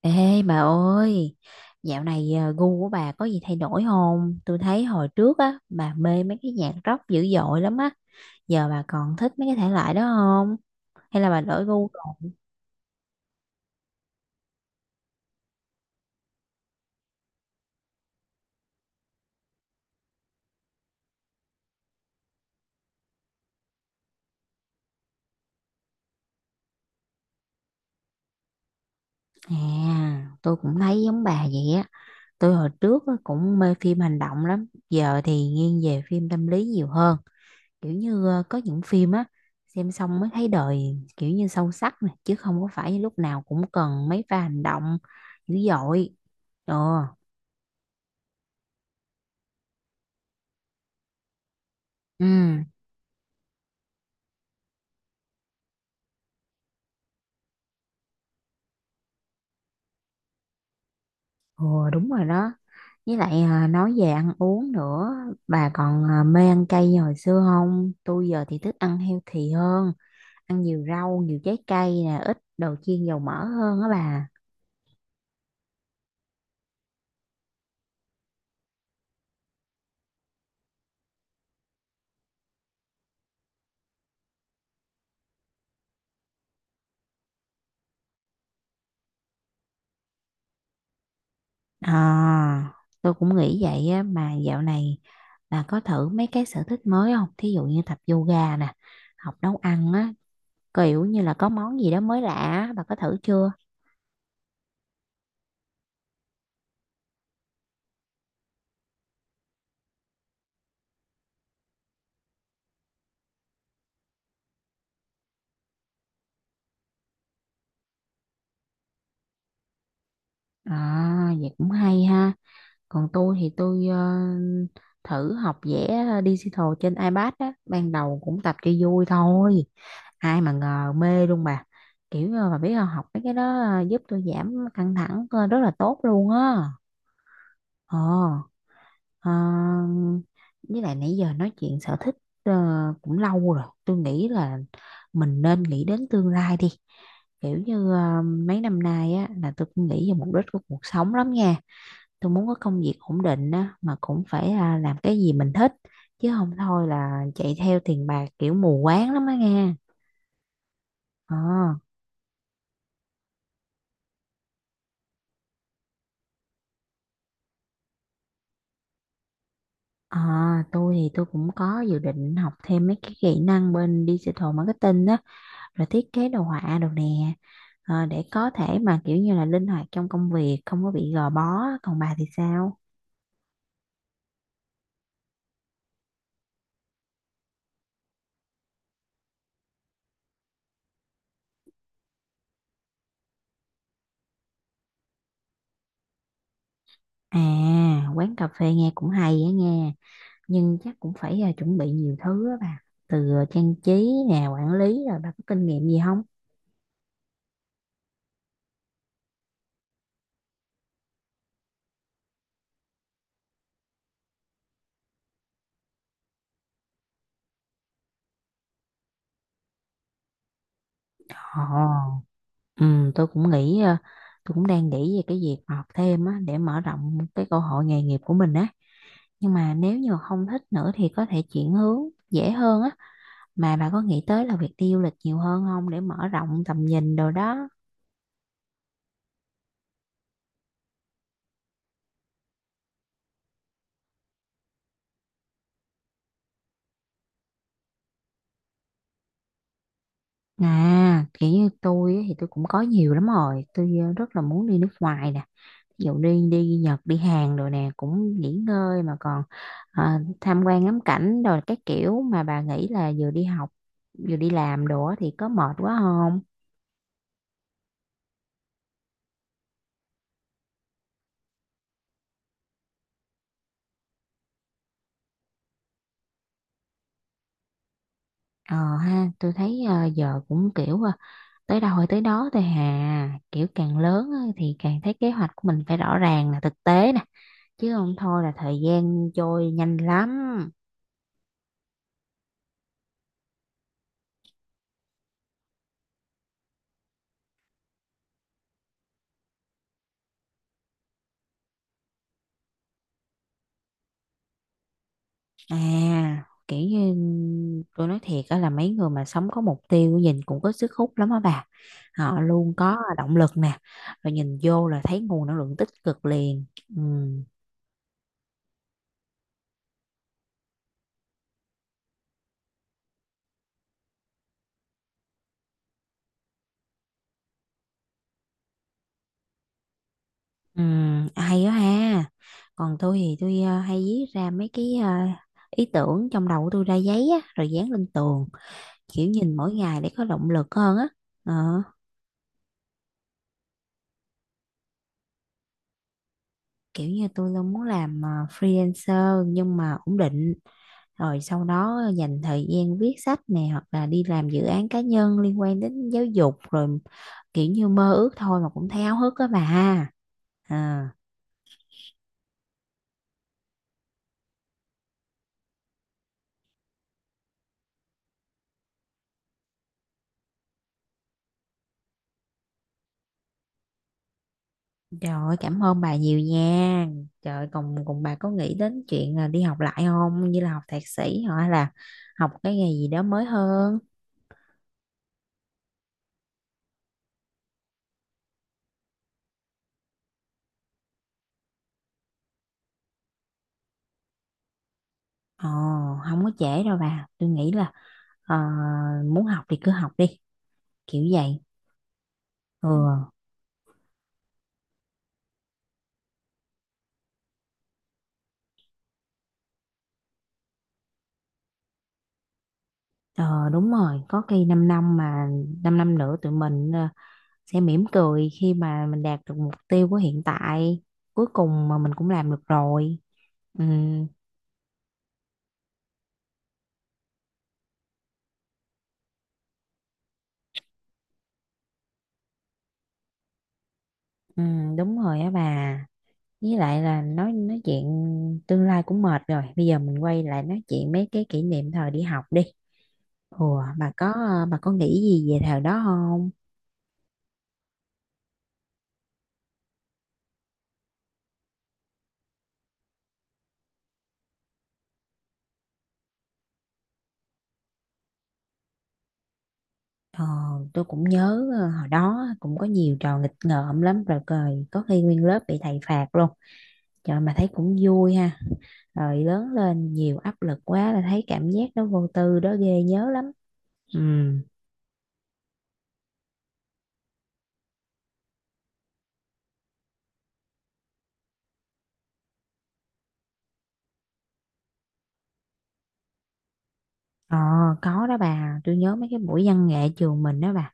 Ê bà ơi, dạo này gu của bà có gì thay đổi không? Tôi thấy hồi trước á, bà mê mấy cái nhạc rock dữ dội lắm á. Giờ bà còn thích mấy cái thể loại đó không? Hay là bà đổi gu rồi? À, tôi cũng thấy giống bà vậy á. Tôi hồi trước á, cũng mê phim hành động lắm. Giờ thì nghiêng về phim tâm lý nhiều hơn. Kiểu như có những phim á, xem xong mới thấy đời kiểu như sâu sắc nè. Chứ không có phải lúc nào cũng cần mấy pha hành động dữ dội. Ờ. Ừ, ồ, đúng rồi đó. Với lại nói về ăn uống nữa, bà còn mê ăn cay như hồi xưa không? Tôi giờ thì thích ăn healthy hơn, ăn nhiều rau, nhiều trái cây nè, ít đồ chiên dầu mỡ hơn á bà. À, tôi cũng nghĩ vậy á, mà dạo này bà có thử mấy cái sở thích mới không? Thí dụ như tập yoga nè, học nấu ăn á, kiểu như là có món gì đó mới lạ, á, bà có thử chưa? À, vậy cũng hay ha. Còn tôi thử học vẽ digital trên iPad á, ban đầu cũng tập cho vui thôi. Ai mà ngờ mê luôn bà, kiểu như bà biết không, học mấy cái đó giúp tôi giảm căng thẳng rất là tốt luôn á. ờ ờ, với lại nãy giờ nói chuyện sở thích ờ, cũng lâu rồi, tôi nghĩ là mình nên nghĩ đến tương lai đi, kiểu như mấy năm nay á là tôi cũng nghĩ về mục đích của cuộc sống lắm nha. Tôi muốn có công việc ổn định á mà cũng phải làm cái gì mình thích, chứ không thôi là chạy theo tiền bạc kiểu mù quáng lắm á nghe. ờ ờ, tôi cũng có dự định học thêm mấy cái kỹ năng bên digital marketing á, rồi thiết kế đồ họa đồ nè. Ờ, để có thể mà kiểu như là linh hoạt trong công việc, không có bị gò bó. Còn bà thì sao? À, quán cà phê nghe cũng hay á nghe, nhưng chắc cũng phải chuẩn bị nhiều thứ á bà, từ trang trí nè, quản lý. Rồi bà có kinh nghiệm gì không? Ồ, ừ, tôi cũng nghĩ tôi cũng đang nghĩ về cái việc học thêm á, để mở rộng cái cơ hội nghề nghiệp của mình á, nhưng mà nếu như mà không thích nữa thì có thể chuyển hướng dễ hơn á. Mà bà có nghĩ tới là việc đi du lịch nhiều hơn không, để mở rộng tầm nhìn đồ đó? À, kiểu như tôi á, thì tôi cũng có nhiều lắm rồi. Tôi rất là muốn đi nước ngoài nè, ví dụ đi đi Nhật, đi Hàn rồi nè, cũng nghỉ ngơi mà còn tham quan ngắm cảnh rồi các kiểu. Mà bà nghĩ là vừa đi học vừa đi làm đồ á thì có mệt quá không? Ờ ha, tôi thấy giờ cũng kiểu tới đâu hay tới đó thôi hà, kiểu càng lớn á thì càng thấy kế hoạch của mình phải rõ ràng, là thực tế nè, chứ không thôi là thời gian trôi nhanh lắm. À, kiểu như tôi nói thiệt đó, là mấy người mà sống có mục tiêu nhìn cũng có sức hút lắm á bà. Họ luôn có động lực nè, rồi nhìn vô là thấy nguồn năng lượng tích cực liền. Ừ. Ừ, hay đó ha. Còn tôi hay viết ra mấy cái ý tưởng trong đầu của tôi ra giấy á, rồi dán lên tường, kiểu nhìn mỗi ngày để có động lực hơn á. Ờ. Kiểu như tôi luôn muốn làm freelancer nhưng mà ổn định, rồi sau đó dành thời gian viết sách nè, hoặc là đi làm dự án cá nhân liên quan đến giáo dục, rồi kiểu như mơ ước thôi mà cũng thấy háo hức á bà ha. À, trời ơi cảm ơn bà nhiều nha. Trời ơi, còn còn bà có nghĩ đến chuyện là đi học lại không, như là học thạc sĩ, hoặc là học cái nghề gì đó mới hơn? Ồ, không có trễ đâu bà. Tôi nghĩ là ờ, muốn học thì cứ học đi, kiểu vậy. Ừ. Ờ đúng rồi, có khi 5 năm, mà 5 năm nữa tụi mình sẽ mỉm cười khi mà mình đạt được mục tiêu của hiện tại. Cuối cùng mà mình cũng làm được rồi. Ừ, ừ đúng rồi á bà. Với lại là nói chuyện tương lai cũng mệt rồi. Bây giờ mình quay lại nói chuyện mấy cái kỷ niệm thời đi học đi. Ủa, bà có bà có nghĩ gì về thời đó không? Ờ, tôi cũng nhớ hồi đó cũng có nhiều trò nghịch ngợm lắm, rồi cười có khi nguyên lớp bị thầy phạt luôn. Trời, mà thấy cũng vui ha, rồi lớn lên nhiều áp lực quá là thấy cảm giác đó vô tư đó ghê, nhớ lắm. Ừ. Ờ có đó bà, tôi nhớ mấy cái buổi văn nghệ trường mình đó bà.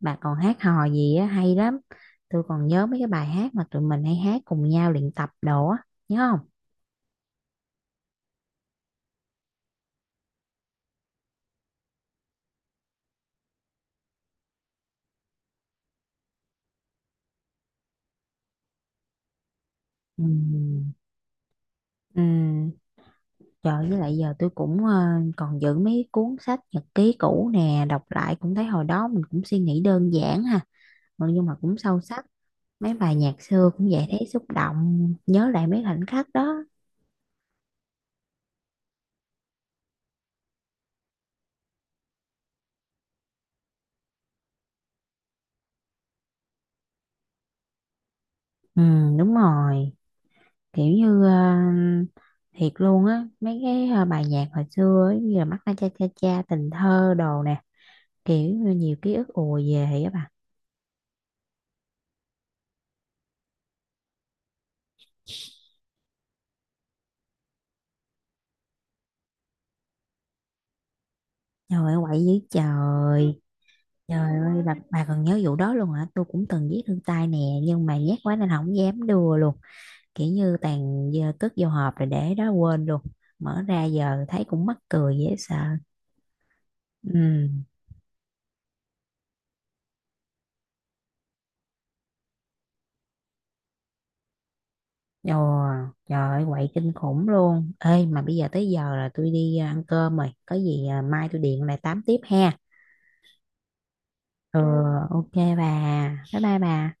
Bà còn hát hò gì á hay lắm. Tôi còn nhớ mấy cái bài hát mà tụi mình hay hát cùng nhau, luyện tập đồ á. Nhớ không? Ừ. Ừ. Trời, với lại giờ tôi cũng còn giữ mấy cuốn sách nhật ký cũ nè, đọc lại cũng thấy hồi đó mình cũng suy nghĩ đơn giản ha, mà nhưng mà cũng sâu sắc. Mấy bài nhạc xưa cũng vậy, thấy xúc động, nhớ lại mấy khoảnh khắc đó. Ừ đúng rồi, kiểu như thiệt luôn á, mấy cái bài nhạc hồi xưa ấy, như là mắt na cha cha cha, tình thơ đồ nè, kiểu như nhiều ký ức ùa về á bà. Trời ơi quậy dữ trời. Trời ơi, bà còn nhớ vụ đó luôn hả? Tôi cũng từng viết thư tay nè, nhưng mà nhát quá nên không dám đưa luôn. Kiểu như tàn giờ cất vô hộp rồi để đó quên luôn. Mở ra giờ thấy cũng mắc cười dễ sợ. Ừ. Ồ, trời ơi, quậy kinh khủng luôn. Ê, mà bây giờ tới giờ là tôi đi ăn cơm rồi. Có gì mai tôi điện lại tám tiếp ha. Ừ, ok bà. Bye bye bà.